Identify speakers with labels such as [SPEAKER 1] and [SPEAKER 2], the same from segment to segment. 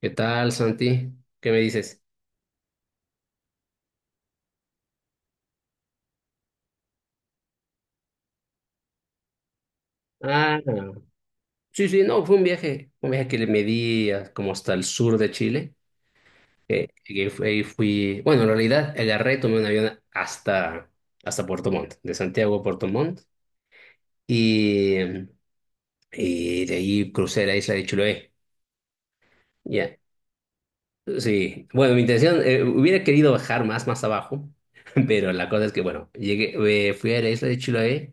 [SPEAKER 1] ¿Qué tal, Santi? ¿Qué me dices? Ah, sí, sí, no, fue un viaje que le medí como hasta el sur de Chile, que ahí fui, bueno, en realidad agarré, tomé un avión hasta Puerto Montt, de Santiago a Puerto Montt, y, y de ahí crucé la isla de Chiloé. Ya, sí, bueno, mi intención, hubiera querido bajar más, más abajo. Pero la cosa es que, bueno, llegué, fui a la isla de Chiloé.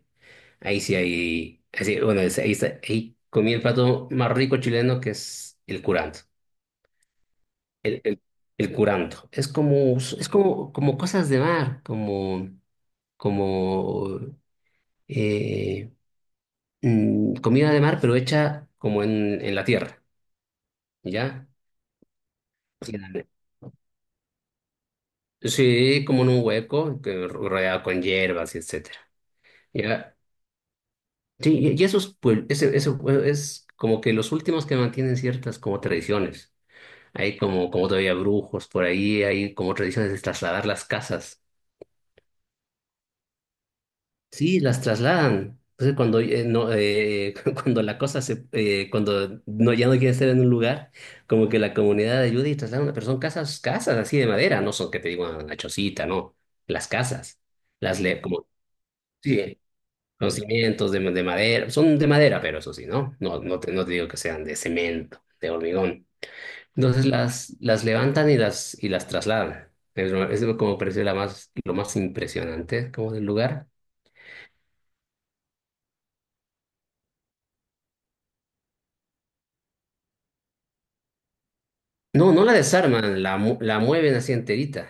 [SPEAKER 1] Ahí sí hay, así, bueno, ahí, ahí comí el plato más rico chileno, que es el curanto. El, el, el curanto. Como cosas de mar, como eh, comida de mar, pero hecha como en la tierra, ¿ya? Sí, dale. Sí, como en un hueco, que rodeado con hierbas y etcétera. ¿Ya? Sí, y esos, pues, ese, pues, es como que los últimos que mantienen ciertas como tradiciones. Hay como, todavía brujos por ahí, hay como tradiciones de trasladar las casas. Sí, las trasladan. Entonces, cuando, no, cuando la cosa se, cuando no, ya no quiere estar en un lugar, como que la comunidad ayuda y traslada a una persona casas, casas así de madera, no son que te digo una chocita, no, las casas, como, sí, los cimientos de madera, son de madera, pero eso sí, ¿no? No, no te digo que sean de cemento, de hormigón. Entonces las levantan y las trasladan. Es lo como pareció la más, lo más impresionante como del lugar. No, no la desarman, la mueven así enterita.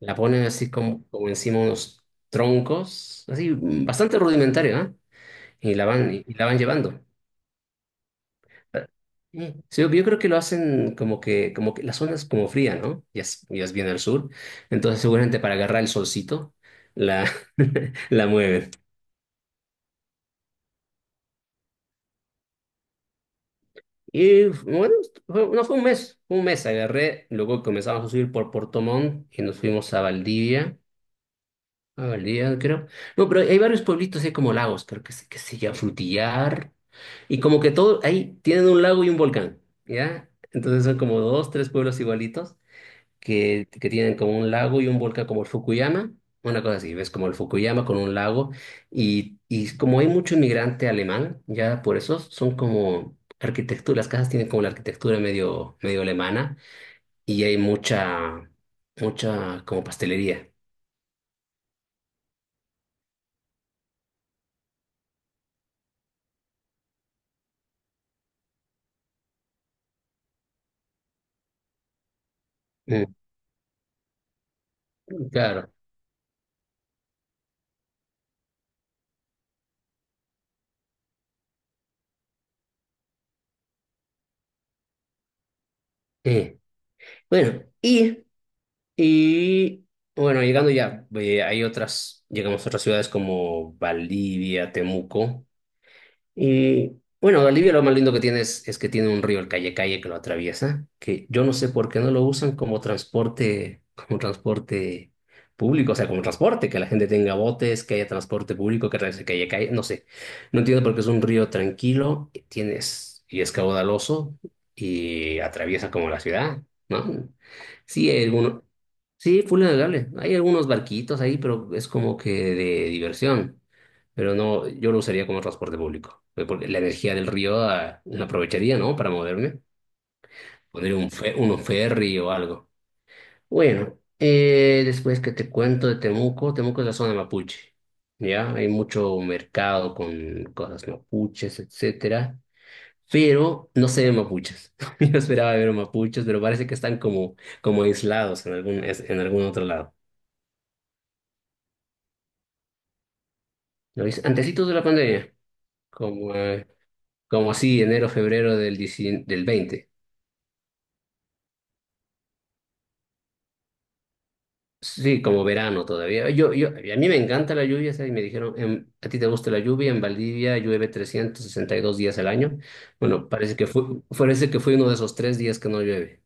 [SPEAKER 1] La ponen así como, encima unos troncos, así bastante rudimentario, ¿ah? Y la van llevando. Mm. Sí, yo creo que lo hacen como que, la zona es como fría, ¿no? Ya es bien al sur. Entonces seguramente para agarrar el solcito, la, la mueven. Y bueno, no fue un mes, fue un mes agarré, luego comenzamos a subir por Puerto Montt y nos fuimos a Valdivia creo. No, pero hay varios pueblitos, hay como lagos, creo que se, llama Frutillar, y como que todo, ahí tienen un lago y un volcán, ¿ya? Entonces son como dos, tres pueblos igualitos, que, tienen como un lago y un volcán como el Fukuyama, una cosa así, ves como el Fukuyama con un lago y, como hay mucho inmigrante alemán, ya por eso son como arquitectura, las casas tienen como la arquitectura medio, medio alemana y hay mucha, mucha como pastelería. Mm, claro. Eh, Bueno, y, y bueno, llegando ya, hay otras, llegamos a otras ciudades como Valdivia, Temuco. Y bueno, Bolivia lo más lindo que tiene es que tiene un río, el Calle Calle, que lo atraviesa, que yo no sé por qué no lo usan como transporte público, o sea, como transporte, que la gente tenga botes, que haya transporte público, que atraviese el Calle Calle, no sé. No entiendo por qué es un río tranquilo, y tienes, y es caudaloso, y atraviesa como la ciudad, ¿no? Sí, hay sí, full navegable. Hay algunos barquitos ahí, pero es como que de diversión. Pero no, yo lo usaría como transporte público, pues, porque la energía del río ah, la aprovecharía, ¿no? Para moverme, pondría un, un ferry o algo. Bueno, después que te cuento de Temuco. Temuco es la zona mapuche, ¿ya? Hay mucho mercado con cosas mapuches, etcétera, pero no se ven mapuches. Yo esperaba ver mapuches, pero parece que están como, como aislados en algún, en algún otro lado. ¿Lo ves? Antecitos de la pandemia, como, como así, enero, febrero del, 19 del 20. Sí, como verano todavía. Yo, a mí me encanta la lluvia, ¿sabes? Y me dijeron, ¿a ti te gusta la lluvia? En Valdivia llueve 362 días al año. Bueno, parece que fue uno de esos tres días que no llueve.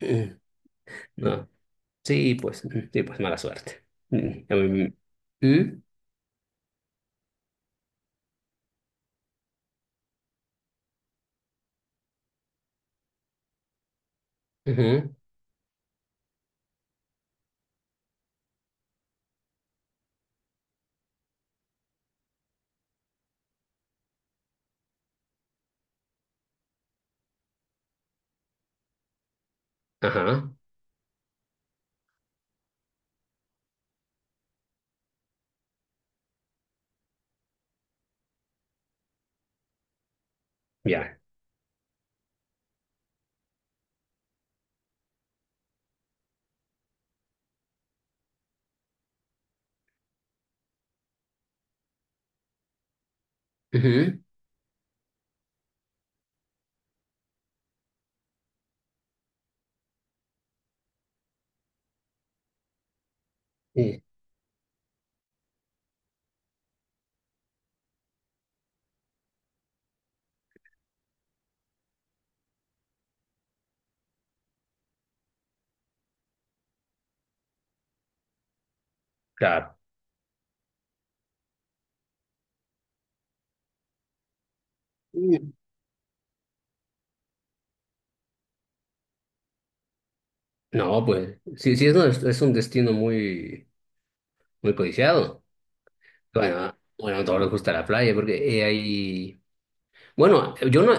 [SPEAKER 1] Mm. No, sí, pues, sí, pues mala suerte. Mm, mm, ujú, ajá, ya. Ujú, sí, claro. Mm. No, pues, sí, sí, es, es un destino muy, muy codiciado. Bueno, bueno, a todos les gusta la playa porque hay... Bueno, yo no,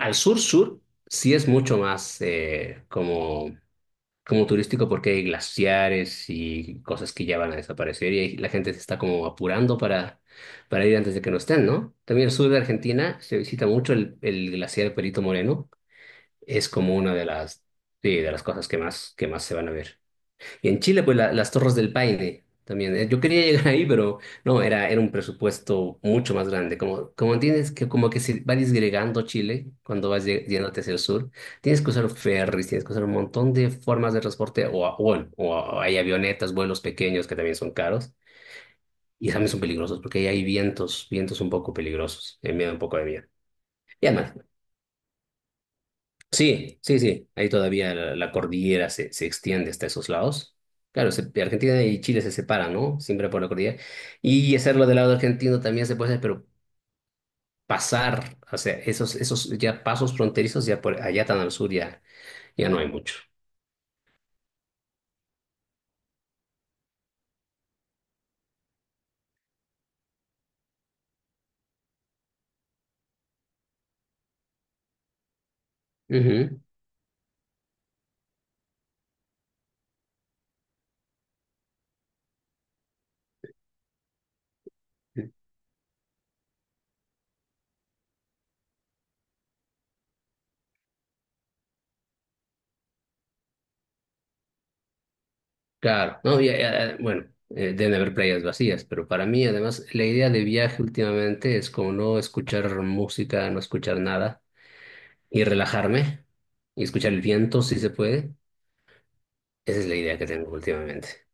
[SPEAKER 1] al sur-sur sí es mucho más como, como turístico porque hay glaciares y cosas que ya van a desaparecer y ahí la gente se está como apurando para, ir antes de que no estén, ¿no? También el sur de Argentina se visita mucho el glaciar Perito Moreno, es como una de las, sí, de las cosas que más se van a ver. Y en Chile, pues las Torres del Paine también. Yo quería llegar ahí, pero no, era un presupuesto mucho más grande. Como, como tienes que, como que se va disgregando Chile cuando vas yéndote hacia el sur, tienes que usar ferries, tienes que usar un montón de formas de transporte, o, bueno, o hay avionetas, vuelos pequeños que también son caros, y también son peligrosos, porque ahí hay vientos, vientos un poco peligrosos, me da un poco de miedo. Y además, sí, sí, sí. Ahí todavía la cordillera se extiende hasta esos lados. Claro, Argentina y Chile se separan, ¿no? Siempre por la cordillera. Y hacerlo del lado argentino también se puede hacer, pero pasar, o sea, esos, ya pasos fronterizos, ya por allá tan al sur ya, ya no hay mucho. Ujú. Claro, no, ya, bueno, deben haber playas vacías, pero para mí además la idea de viaje últimamente es como no escuchar música, no escuchar nada y relajarme y escuchar el viento si se puede. Esa es la idea que tengo últimamente.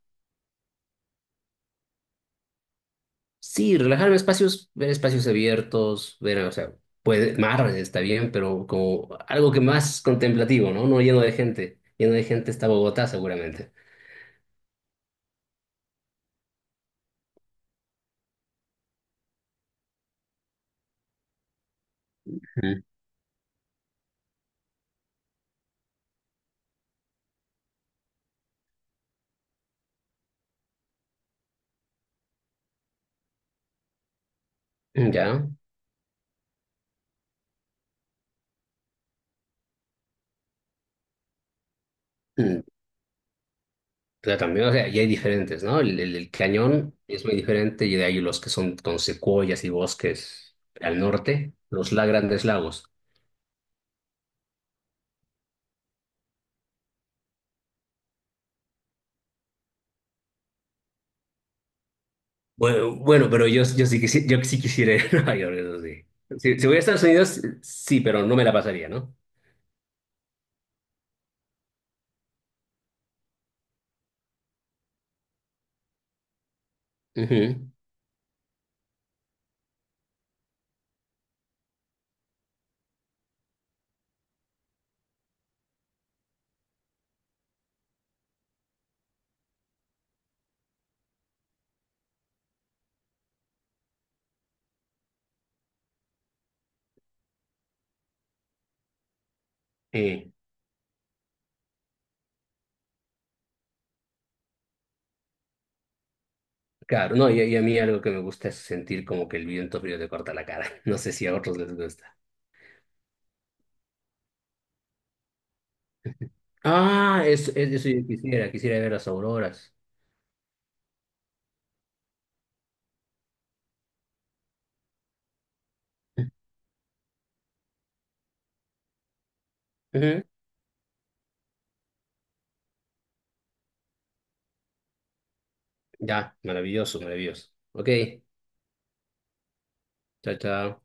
[SPEAKER 1] Sí, relajarme en espacios, ver espacios abiertos, ver, o sea, puede, mar está bien, pero como algo que más contemplativo, ¿no? No lleno de gente. Lleno de gente está Bogotá, seguramente. Mm. ¿Ya? Mm. Pero también, o sea, y hay diferentes, ¿no? El, el cañón es muy diferente y de ahí los que son con secuoyas y bosques al norte, los la grandes lagos. Bueno, bueno, pero yo sí quisiera ir a Nueva York, eso sí. Si, voy a Estados Unidos, sí, pero no me la pasaría, ¿no? Ujú. Eh, claro, no, y a mí algo que me gusta es sentir como que el viento frío te corta la cara. No sé si a otros les gusta. Ah, es, eso yo quisiera, quisiera ver las auroras. Ujú. Ya, maravilloso, maravilloso. Ok, chao, chao.